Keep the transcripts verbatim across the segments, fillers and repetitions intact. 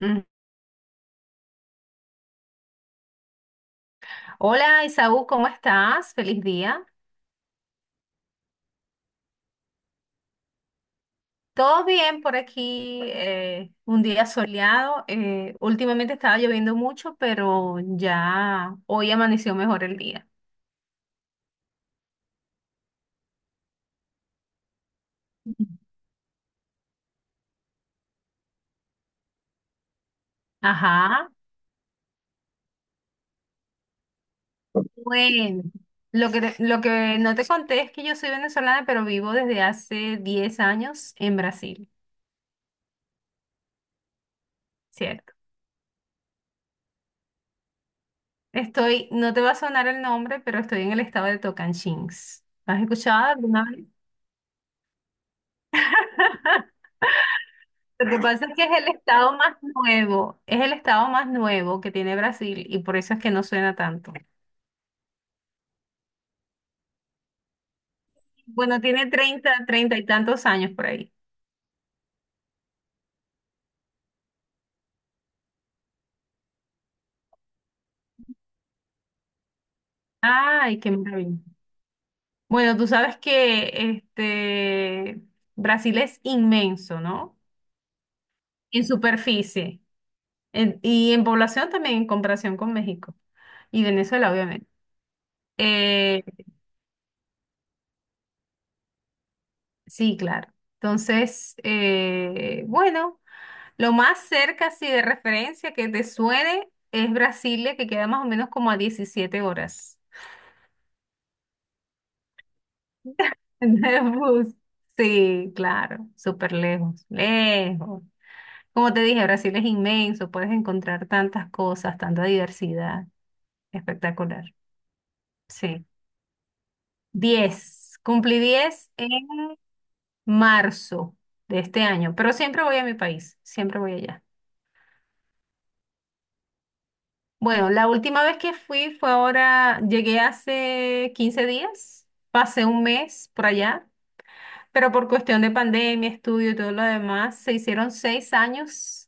Mm. Hola Isaú, ¿cómo estás? Feliz día. Todo bien por aquí, eh, un día soleado. Eh, últimamente estaba lloviendo mucho, pero ya hoy amaneció mejor el día. Ajá. Bueno, lo que, te- lo que no te conté es que yo soy venezolana, pero vivo desde hace diez años en Brasil, ¿cierto? Estoy, no te va a sonar el nombre, pero estoy en el estado de Tocantins. ¿Has escuchado alguna? Lo que pasa es que es el estado más nuevo, es el estado más nuevo que tiene Brasil y por eso es que no suena tanto. Bueno, tiene treinta treinta y tantos años por ahí. Ay, qué maravilla. Bueno, tú sabes que este Brasil es inmenso, ¿no? En superficie en- y en población también en comparación con México y Venezuela, obviamente. Eh, sí, claro. Entonces, eh, bueno. Lo más cerca, sí, de referencia que te suene es Brasilia, que queda más o menos como a diecisiete horas de bus. Sí, claro, súper lejos, lejos. Como te dije, Brasil es inmenso, puedes encontrar tantas cosas, tanta diversidad. Espectacular. Sí. diez, Cumplí diez en marzo de este año, pero siempre voy a mi país, siempre voy allá. Bueno, la última vez que fui fue ahora, llegué hace quince días, pasé un mes por allá, pero por cuestión de pandemia, estudio y todo lo demás, se hicieron seis años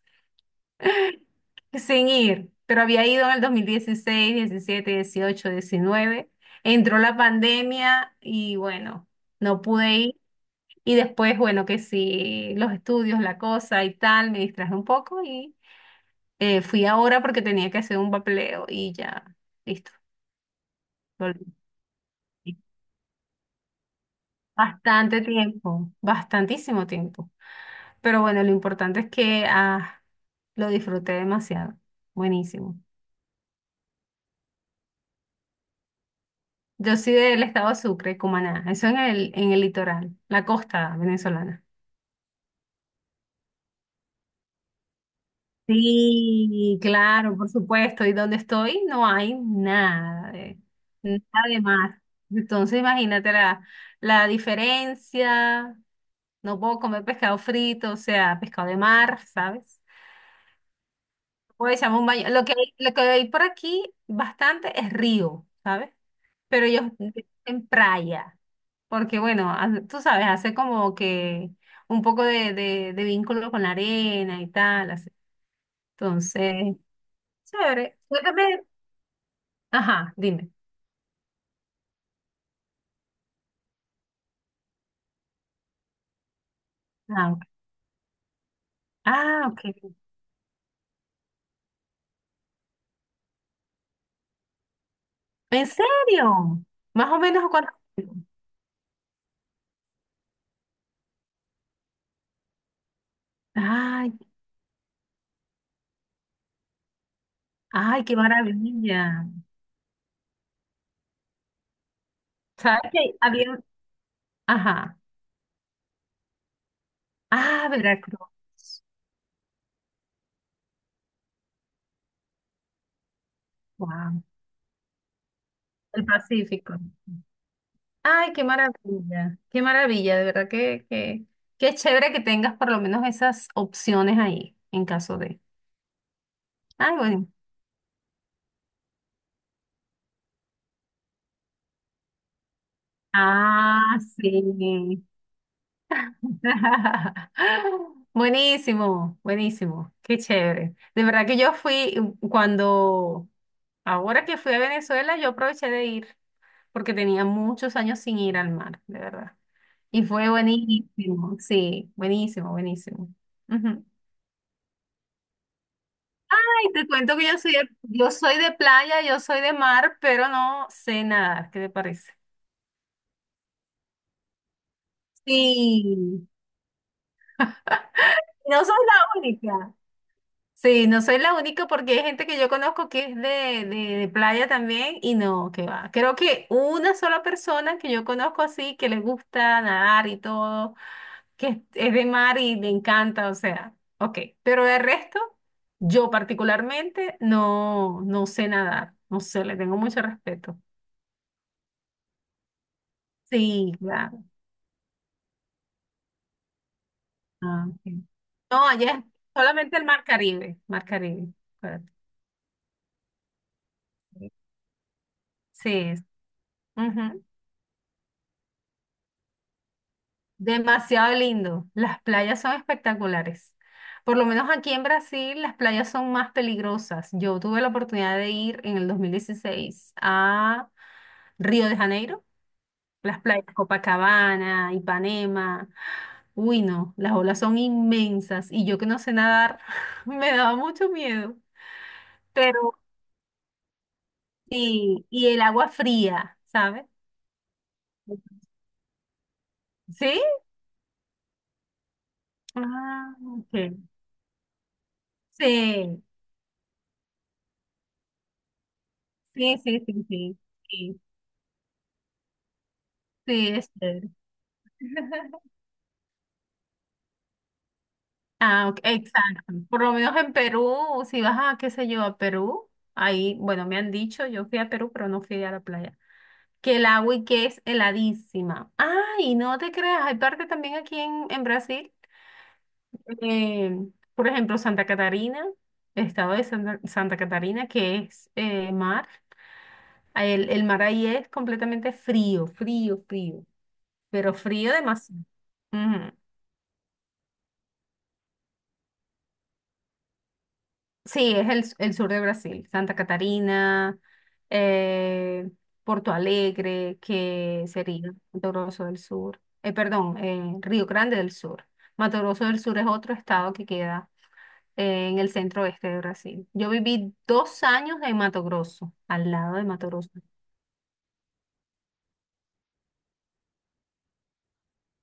sin ir, pero había ido en el dos mil dieciséis, diecisiete, dieciocho, diecinueve. Entró la pandemia y bueno, no pude ir y después, bueno, que sí, los estudios, la cosa y tal, me distraje un poco y eh, fui ahora porque tenía que hacer un papeleo y ya, listo. Volví. Bastante tiempo, bastantísimo tiempo. Pero bueno, lo importante es que ah, lo disfruté demasiado. Buenísimo. Yo soy del estado de Sucre, Cumaná. Eso en el, en el litoral, la costa venezolana. Sí, claro, por supuesto. Y donde estoy no hay nada de, nada de mar. Entonces imagínate la, la diferencia. No puedo comer pescado frito, o sea, pescado de mar, ¿sabes? Puede llamar un baño. Lo que, hay- lo que hay por aquí bastante es río, ¿sabes? Pero ellos en playa, porque bueno, ha- tú sabes, hace como que un poco de, de, de vínculo con la arena y tal, así. Entonces, chévere. Cuéntame. Ajá, dime. Ah, ok. Ah, ok. ¿En serio? Más o menos cuánto. Ay, ay, qué maravilla. ¿Sabes qué? Había. Ajá. Ah, Veracruz. Wow. El Pacífico. Ay, qué maravilla, qué maravilla, de verdad que, que qué chévere que tengas por lo menos esas opciones ahí, en caso de. Ay, bueno. Ah, sí. Buenísimo, buenísimo, qué chévere. De verdad que yo fui cuando, ahora que fui a Venezuela, yo aproveché de ir, porque tenía muchos años sin ir al mar, de verdad. Y fue buenísimo, sí, buenísimo, buenísimo. Ujú. Y te cuento que yo soy de, yo soy de playa, yo soy de mar, pero no sé nadar. ¿Qué te parece? Sí, no soy la única. Sí, no soy la única porque hay gente que yo conozco que es de, de- de playa también y no, que va. Creo que una sola persona que yo conozco así, que le gusta nadar y todo, que es es de mar y le encanta, o sea, ok. Pero el resto, yo particularmente no, no sé nadar, no sé, le tengo mucho respeto. Sí, claro. Ah, ok. No, allá es solamente el Mar Caribe, Mar Caribe. Espérate. Sí, es. Ujú. Demasiado lindo. Las playas son espectaculares. Por lo menos aquí en Brasil, las playas son más peligrosas. Yo tuve la oportunidad de ir en el dos mil dieciséis a Río de Janeiro, las playas Copacabana, Ipanema. Uy, no, las olas son inmensas y yo que no sé nadar, me daba mucho miedo. Pero sí, y el agua fría, ¿sabes? ¿Sí? Ah, ok. Sí, sí, sí, sí, sí, sí, sí, es chévere. Ah, ok, exacto. Por lo menos en Perú, si vas a, qué sé yo, a Perú, ahí, bueno, me han dicho, yo fui a Perú, pero no fui a la playa, que el agua y que es heladísima. Ay, no te creas, hay parte también aquí en, en Brasil, eh, por ejemplo, Santa Catarina, el estado de Santa, Santa Catarina, que es eh, mar. El, el, mar ahí es completamente frío, frío, frío, pero frío demasiado. Ujú. Sí, es el, el sur de Brasil, Santa Catarina, eh, Porto Alegre, que sería Mato Grosso del Sur, eh, perdón, eh, Río Grande del Sur. Mato Grosso del Sur es otro estado que queda eh, en el centro oeste de Brasil. Yo viví dos años en Mato Grosso, al lado de Mato Grosso.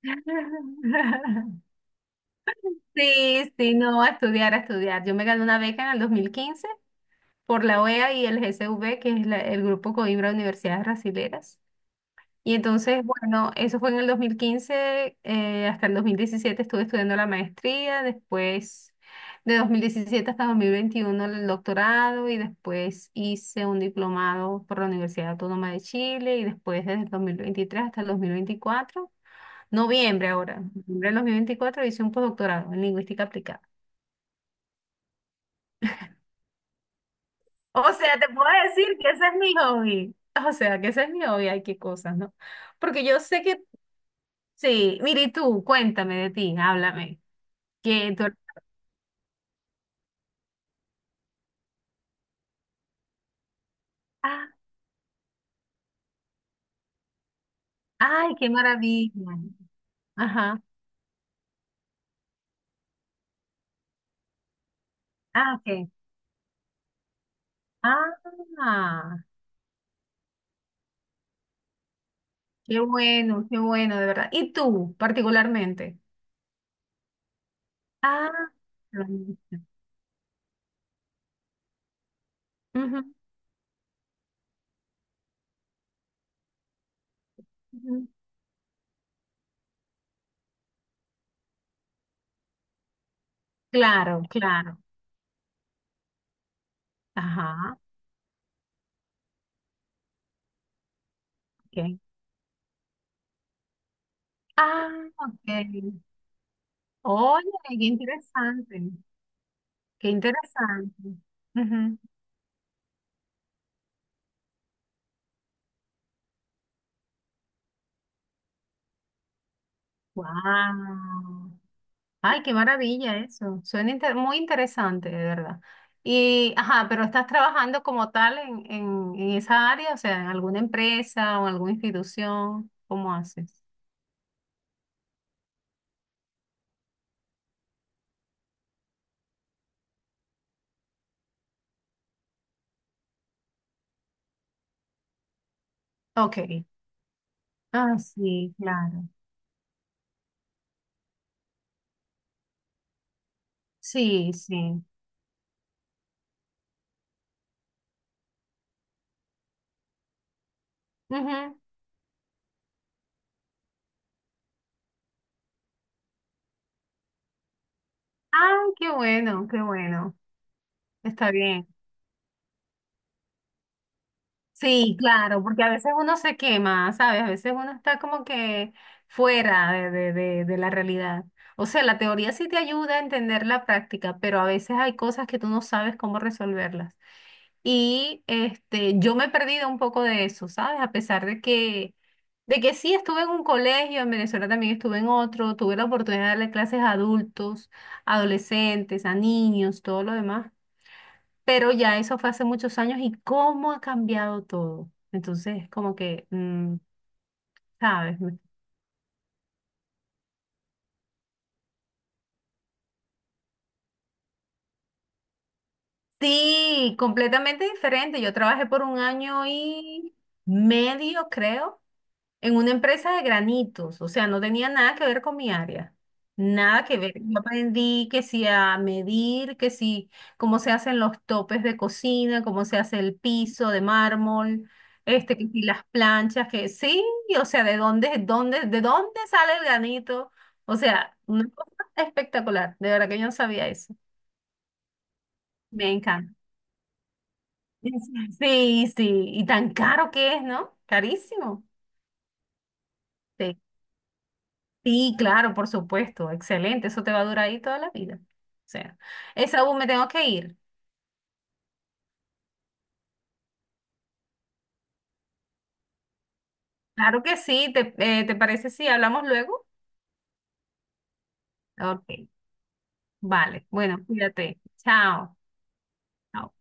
Sí, sí, no, a estudiar, a estudiar. Yo me gané una beca en el dos mil quince por la OEA y el G C V, que es la- el Grupo Coimbra de Universidades Brasileras. Y entonces, bueno, eso fue en el dos mil quince, eh, hasta el dos mil diecisiete estuve estudiando la maestría, después de dos mil diecisiete hasta dos mil veintiuno el doctorado y después hice un diplomado por la Universidad Autónoma de Chile y después desde el dos mil veintitrés hasta el dos mil veinticuatro, noviembre ahora, noviembre del dos mil veinticuatro hice un postdoctorado en lingüística aplicada. O sea, te puedo decir que ese es mi hobby. O sea, que ese es mi hobby. Ay, qué cosas, ¿no? Porque yo sé que sí. Mire, y tú, cuéntame de ti, háblame. Que tú... ah, ay, qué maravilla. Ajá. Ah, ok. Ah, qué bueno, qué bueno, de verdad. ¿Y tú, particularmente? Ah, lo mismo. Ujú, ujú. Claro, claro. Ajá, ok. Ah, ok. Oye, qué interesante. Qué interesante. Wow. Ay, qué maravilla eso. Suena inter- muy interesante, de verdad. Y, ajá, pero estás trabajando como tal en, en, en esa área, o sea, en alguna empresa o en alguna institución. ¿Cómo haces? Ok. Ah, sí, claro. Sí, sí. Ujú. Ay, qué bueno, qué bueno. Está bien. Sí, claro, porque a veces uno se quema, ¿sabes? A veces uno está como que fuera de, de, de, de, la realidad. O sea, la teoría sí te ayuda a entender la práctica, pero a veces hay cosas que tú no sabes cómo resolverlas. Y este, yo me he perdido un poco de eso, ¿sabes? A pesar de que, de que sí estuve en un colegio, en Venezuela también estuve en otro, tuve la oportunidad de darle clases a adultos, adolescentes, a niños, todo lo demás, pero ya eso fue hace muchos años y cómo ha cambiado todo. Entonces, como que, mm, ¿sabes? Me- Sí, completamente diferente. Yo trabajé por un año y medio, creo, en una empresa de granitos, o sea, no tenía nada que ver con mi área, nada que ver. Yo aprendí que si a medir, que si cómo se hacen los topes de cocina, cómo se hace el piso de mármol, este, que si las planchas, que sí, o sea, de dónde, dónde, de dónde sale el granito, o sea, una cosa espectacular, de verdad que yo no sabía eso, me encanta. Sí, sí, y tan caro que es, ¿no? Carísimo. Sí. Sí, claro, por supuesto, excelente, eso te va a durar ahí toda la vida. O sea, Esaú, me tengo que ir. Claro que sí, ¿te, eh, te parece si hablamos luego? Ok, vale, bueno, cuídate. Chao. Chao.